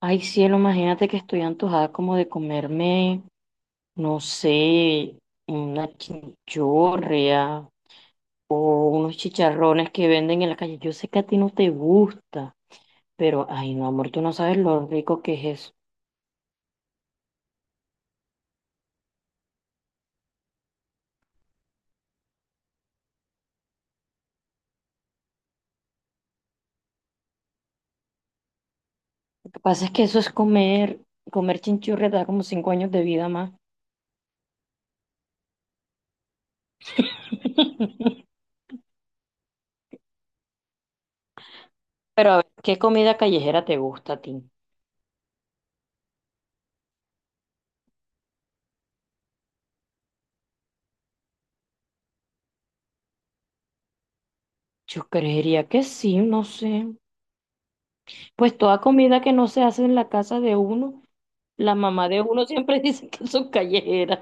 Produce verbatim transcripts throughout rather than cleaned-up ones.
Ay, cielo, imagínate que estoy antojada como de comerme, no sé, una chinchorrea o unos chicharrones que venden en la calle. Yo sé que a ti no te gusta, pero ay, no, amor, tú no sabes lo rico que es eso. Lo que pasa es que eso es comer, comer chinchurria te da como cinco años de vida más. Pero a ver, ¿qué comida callejera te gusta a ti? Yo creería que sí, no sé. Pues toda comida que no se hace en la casa de uno, la mamá de uno siempre dice que son callejeras.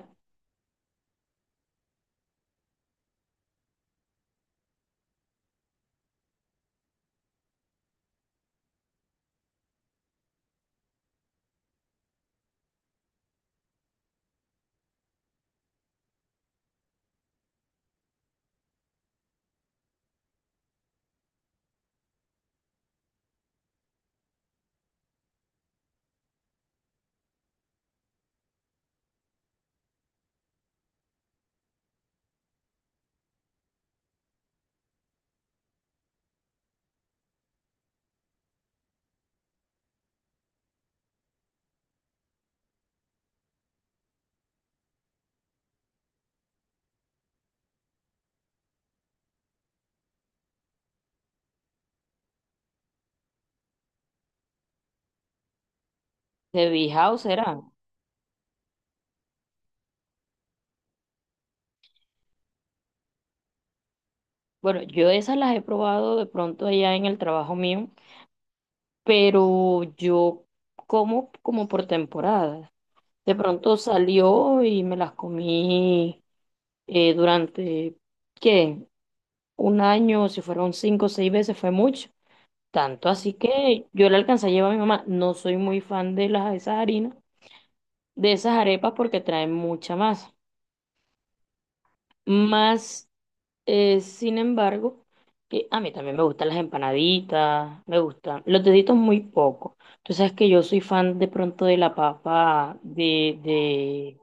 De Bijao serán. Bueno, yo esas las he probado de pronto allá en el trabajo mío, pero yo como como por temporadas. De pronto salió y me las comí eh, durante, ¿qué? Un año, si fueron cinco o seis veces, fue mucho. Tanto así que yo le alcancé a llevar a mi mamá. No soy muy fan de las, esas harinas, de esas arepas porque traen mucha masa. Más. Eh, sin embargo, eh, a mí también me gustan las empanaditas, me gustan los deditos muy poco. Tú sabes que yo soy fan de pronto de la papa de, de,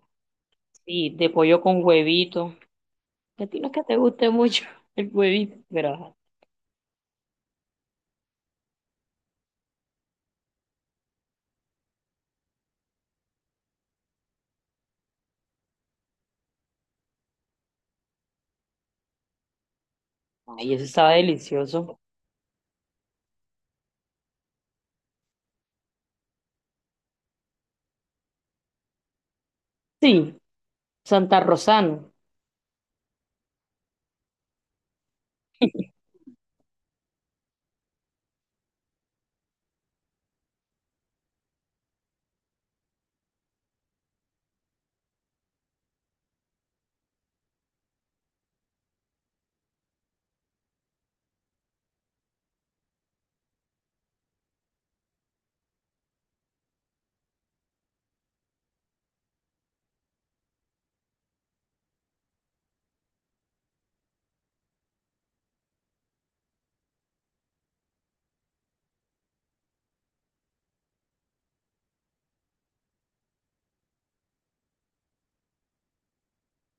sí, de pollo con huevito. Que a ti no es que te guste mucho el huevito, pero ajá. Ay, eso estaba delicioso. Sí, Santa Rosano.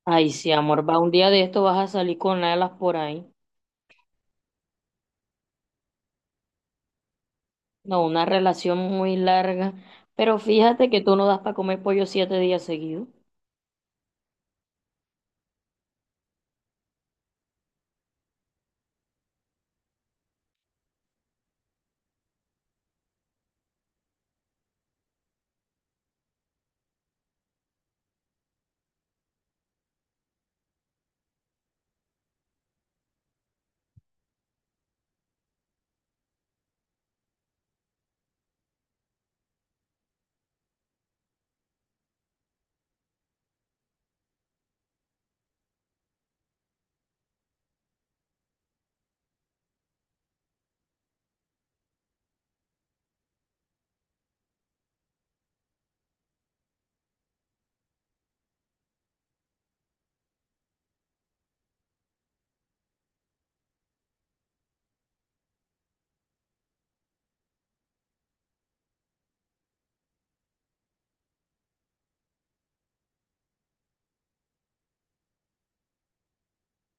Ay, sí, amor, va un día de esto vas a salir con alas por ahí. No, una relación muy larga. Pero fíjate que tú no das para comer pollo siete días seguidos.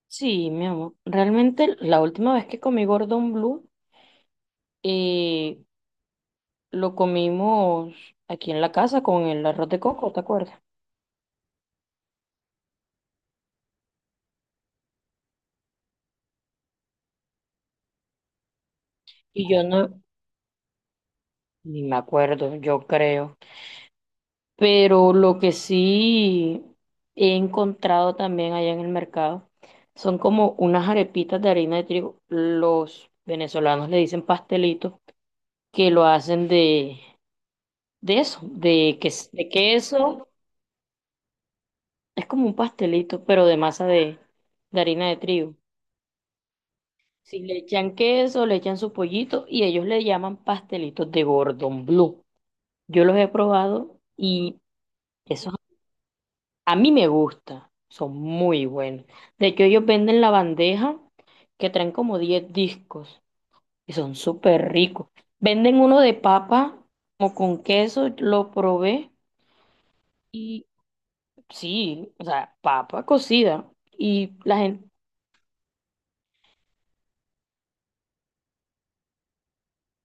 Sí, mi amor. Realmente la última vez que comí Gordon Blue, eh, lo comimos aquí en la casa con el arroz de coco, ¿te acuerdas? Y yo no, ni me acuerdo, yo creo. Pero lo que sí he encontrado también allá en el mercado son como unas arepitas de harina de trigo. Los venezolanos le dicen pastelitos que lo hacen de, de eso, de, ques- de queso. Es como un pastelito, pero de masa de, de harina de trigo. Si le echan queso, le echan su pollito y ellos le llaman pastelitos de Gordon Blue. Yo los he probado y esos a mí me gusta, son muy buenos. De hecho, ellos venden la bandeja que traen como diez discos y son súper ricos. Venden uno de papa como con queso, lo probé y sí, o sea, papa cocida y la gente.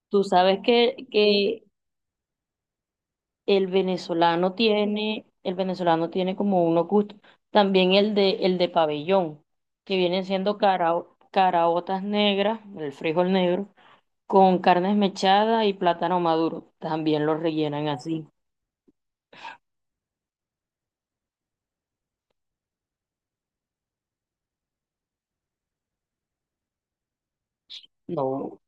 Tú sabes que, que El venezolano tiene, el venezolano tiene como unos gustos. También el de, el de pabellón, que vienen siendo carao- caraotas negras, el frijol negro, con carne esmechada y plátano maduro. También lo rellenan así. No,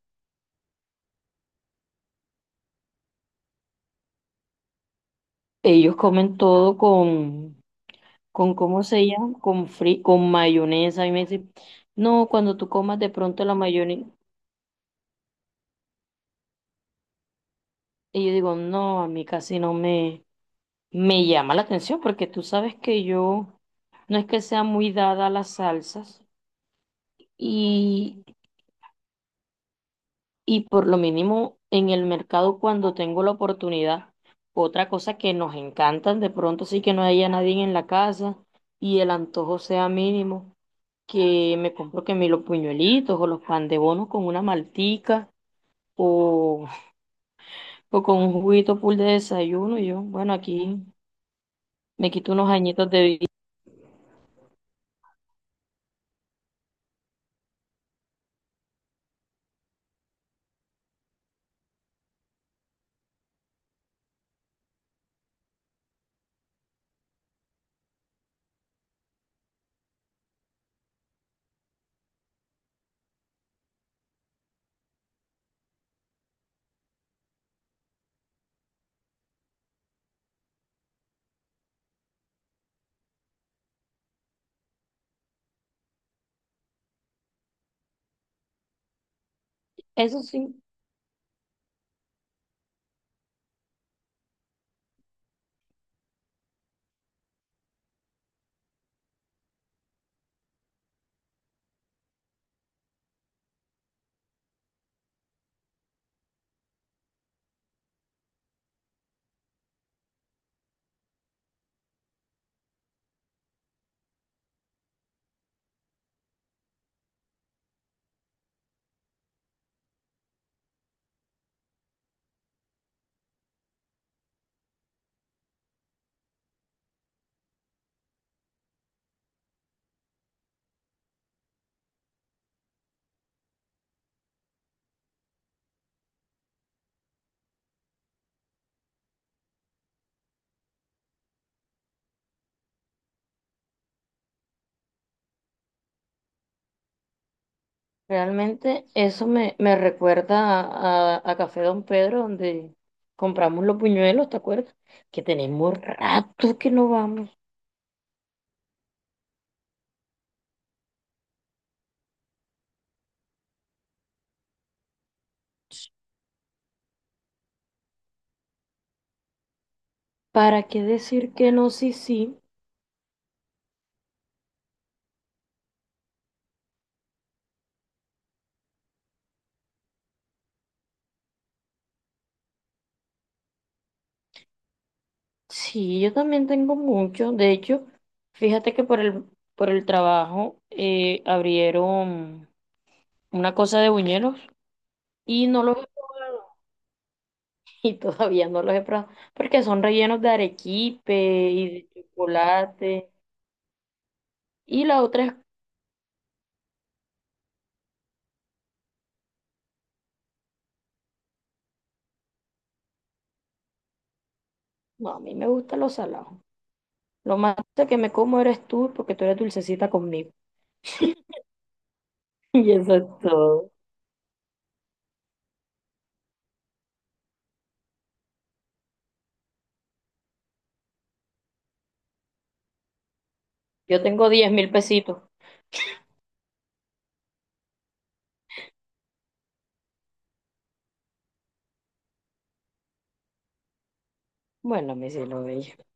ellos comen todo con, con ¿cómo se llama? Con fri, con mayonesa. Y me dicen, no, cuando tú comas de pronto la mayonesa. Y yo digo, no, a mí casi no me, Me llama la atención porque tú sabes que yo no es que sea muy dada a las salsas y, y por lo mínimo en el mercado cuando tengo la oportunidad, otra cosa que nos encantan de pronto sí que no haya nadie en la casa y el antojo sea mínimo, que me compro que me los puñuelitos o los pan de bono con una maltica o, o con un juguito full de desayuno y yo, bueno, aquí me quito unos añitos de vida. Eso sí. Realmente eso me, me recuerda a, a Café Don Pedro, donde compramos los buñuelos, ¿te acuerdas? Que tenemos rato que no vamos. ¿Para qué decir que no? Sí, sí. Sí, yo también tengo mucho. De hecho, fíjate que por el, por el trabajo eh, abrieron una cosa de buñuelos y no los he probado. Y todavía no los he probado porque son rellenos de arequipe y de chocolate. Y la otra es, no, a mí me gustan los salados. Lo más dulce que me como eres tú porque tú eres dulcecita conmigo. Y eso es todo. Yo tengo diez mil pesitos. Bueno, mi cielo bello.